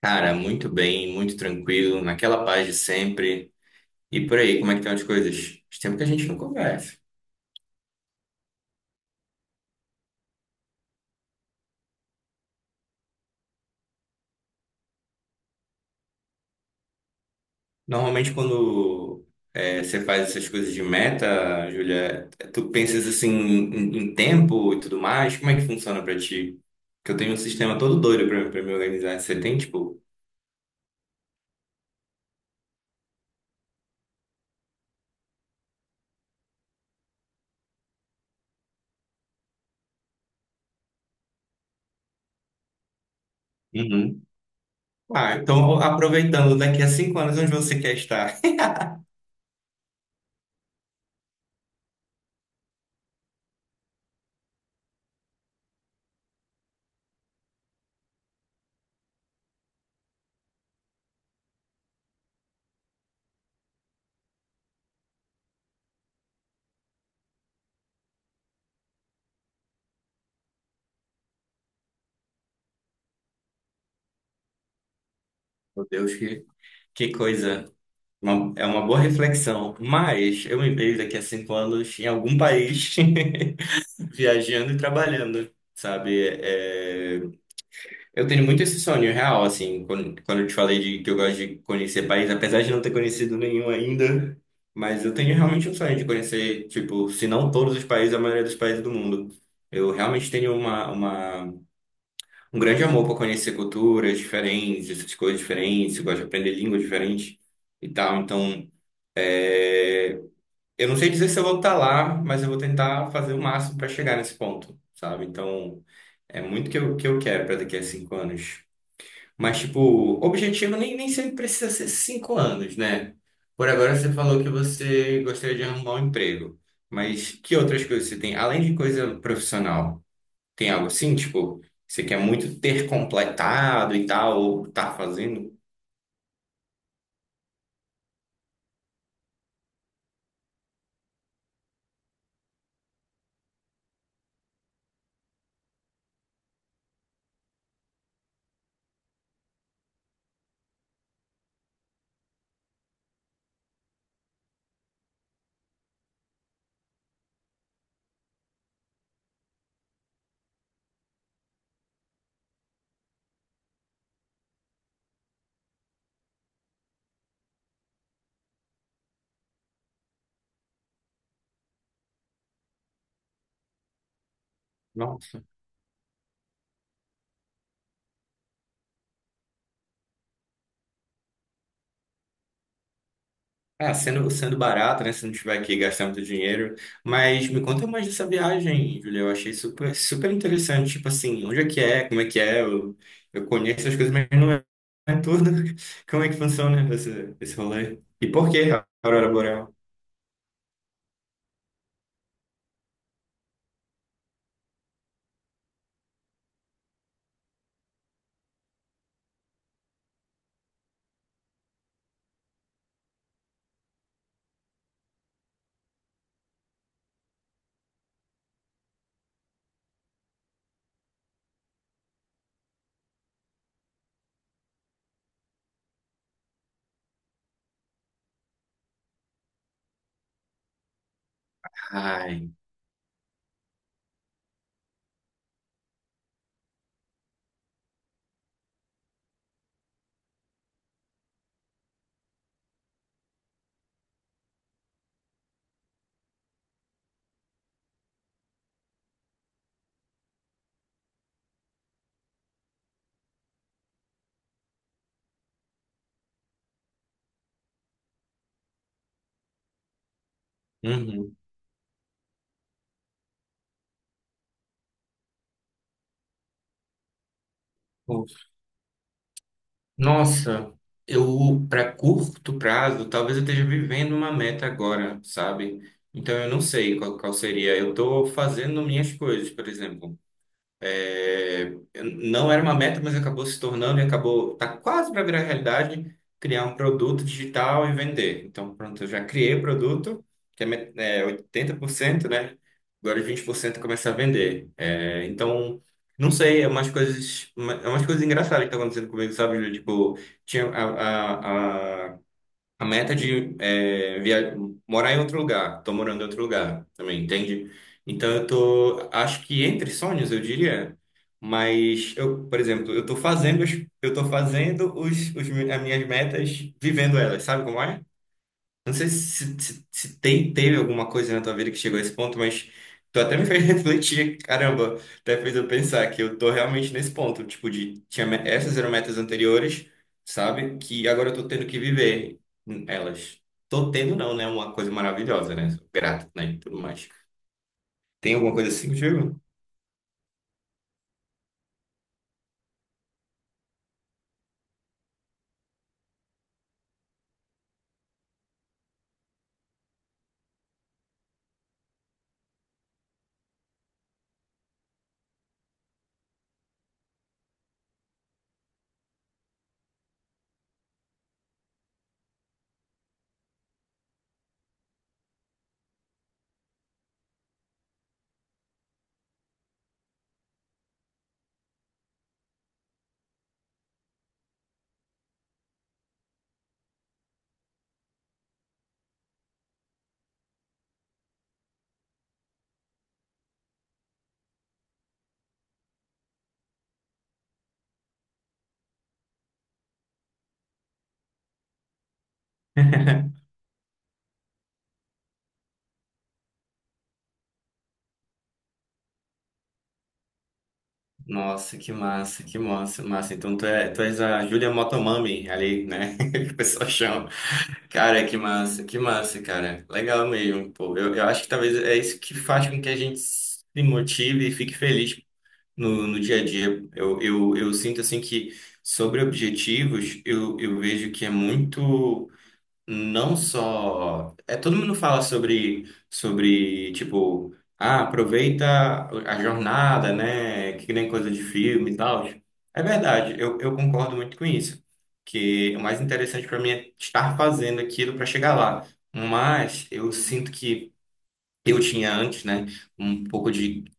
Cara, muito bem, muito tranquilo, naquela paz de sempre. E por aí, como é que estão as coisas? Faz tempo que a gente não conversa. Normalmente, quando você faz essas coisas de meta, Júlia, tu pensas assim em tempo e tudo mais, como é que funciona pra ti? Que eu tenho um sistema todo doido pra me organizar. Você tem, tipo? Uhum. Ah, então aproveitando, daqui a cinco anos, onde você quer estar? Meu Deus, que coisa. É uma boa reflexão, mas eu me vejo daqui a cinco anos em algum país viajando e trabalhando, sabe? Eu tenho muito esse sonho real, assim, quando eu te falei de que eu gosto de conhecer país, apesar de não ter conhecido nenhum ainda, mas eu tenho realmente um sonho de conhecer, tipo, se não todos os países, a maioria dos países do mundo. Eu realmente tenho um grande amor por conhecer culturas diferentes, essas coisas diferentes, eu gosto de aprender línguas diferentes e tal, então. é, eu não sei dizer se eu vou estar lá, mas eu vou tentar fazer o máximo para chegar nesse ponto, sabe? Então, é muito que que eu quero para daqui a cinco anos. Mas, tipo, objetivo nem sempre precisa ser cinco anos, né? Por agora, você falou que você gostaria de arrumar um emprego. Mas que outras coisas você tem? Além de coisa profissional, tem algo assim, tipo, você quer muito ter completado e tal, ou tá fazendo? Não. É, sendo barato, né? Se não tiver que gastar muito dinheiro. Mas me conta mais dessa viagem, Julia. Eu achei super interessante. Tipo assim, onde é que é? Como é que é? Eu conheço as coisas, mas não é é tudo. Como é que funciona esse rolê? E por que a Aurora Boreal? Ai, uhum. Nossa, eu, para curto prazo, talvez eu esteja vivendo uma meta agora, sabe? Então eu não sei qual seria. Eu tô fazendo minhas coisas, por exemplo. É, não era uma meta, mas acabou se tornando e acabou, tá quase para virar realidade, criar um produto digital e vender. Então, pronto, eu já criei o produto, que é 80%, né? Agora 20% começar a vender. É, então, não sei, é umas coisas, uma- é umas coisas engraçadas que estão acontecendo comigo, sabe, Júlio? Tipo, tinha a, a a meta de morar em outro lugar. Tô morando em outro lugar também, entende? Então eu tô, acho que entre sonhos, eu diria. Mas eu, por exemplo, eu tô fazendo as minhas metas, vivendo elas, sabe como é? Não sei se tem, teve alguma coisa na tua vida que chegou a esse ponto, mas tu até me fez refletir, caramba, até fez eu pensar que eu tô realmente nesse ponto, tipo, essas eram metas anteriores, sabe? Que agora eu tô tendo que viver elas. Tô tendo não, né? Uma coisa maravilhosa, né? Sou grato, né? E tudo mais. Tem alguma coisa assim contigo? Nossa, que massa, massa. Então tu, tu és a Julia Motomami ali, né? Que o pessoal chama. Cara, que massa, cara. Legal mesmo, pô. Eu acho que talvez é isso que faz com que a gente se motive e fique feliz no, no dia a dia. Eu sinto assim que sobre objetivos, eu vejo que é muito não só é todo mundo fala sobre tipo, ah, aproveita a jornada, né, que nem coisa de filme e tal. É verdade, eu concordo muito com isso, que o mais interessante para mim é estar fazendo aquilo para chegar lá. Mas eu sinto que eu tinha antes, né, um pouco de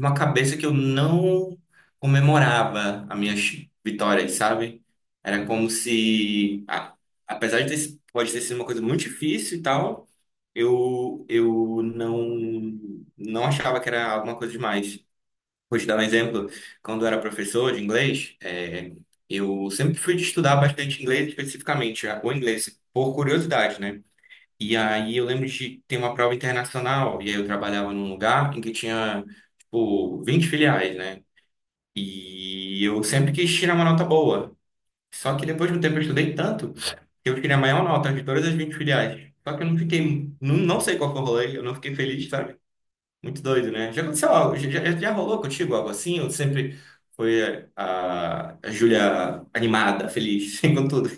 uma cabeça que eu não comemorava as minhas vitórias, sabe? Era como se, apesar de ter, pode ter sido uma coisa muito difícil e tal, eu não, não achava que era alguma coisa demais. Vou te dar um exemplo. Quando eu era professor de inglês, eu sempre fui de estudar bastante inglês, especificamente, o inglês, por curiosidade, né? E aí eu lembro de ter uma prova internacional, e aí eu trabalhava num lugar em que tinha, tipo, 20 filiais, né? E eu sempre quis tirar uma nota boa. Só que depois de um tempo eu estudei tanto que eu tirei a maior nota de todas as 20 filiais. Só que eu não fiquei, não, não sei qual foi o rolê, eu não fiquei feliz, sabe? Muito doido, né? Já aconteceu algo, já rolou contigo algo assim? Eu sempre foi a Júlia animada, feliz, com tudo.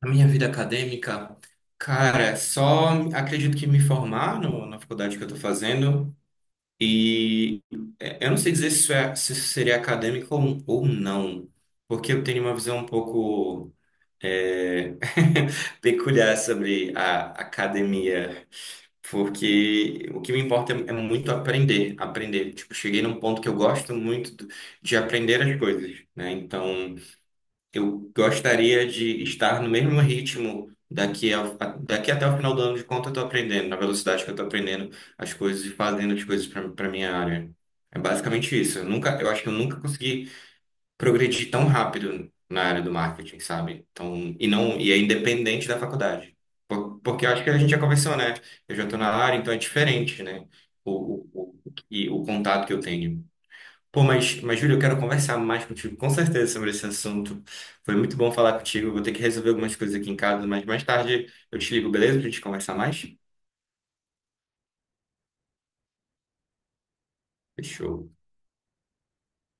A minha vida acadêmica, cara, só acredito que me formar no, na faculdade que eu tô fazendo e eu não sei dizer se se isso seria acadêmico ou não, porque eu tenho uma visão um pouco, é, peculiar sobre a academia, porque o que me importa é muito aprender, aprender. Tipo, cheguei num ponto que eu gosto muito de aprender as coisas, né? Então eu gostaria de estar no mesmo ritmo daqui, daqui até o final do ano, de quanto eu estou aprendendo, na velocidade que eu estou aprendendo as coisas e fazendo as coisas para a minha área. É basicamente isso. Eu nunca, eu acho que eu nunca consegui progredir tão rápido na área do marketing, sabe? Então, e não, e é independente da faculdade. Porque eu acho que a gente já conversou, né? Eu já estou na área, então é diferente, né? E o contato que eu tenho. Pô, mas Júlio, eu quero conversar mais contigo, com certeza, sobre esse assunto. Foi muito bom falar contigo. Eu vou ter que resolver algumas coisas aqui em casa, mas mais tarde eu te ligo, beleza? Pra gente conversar mais? Fechou.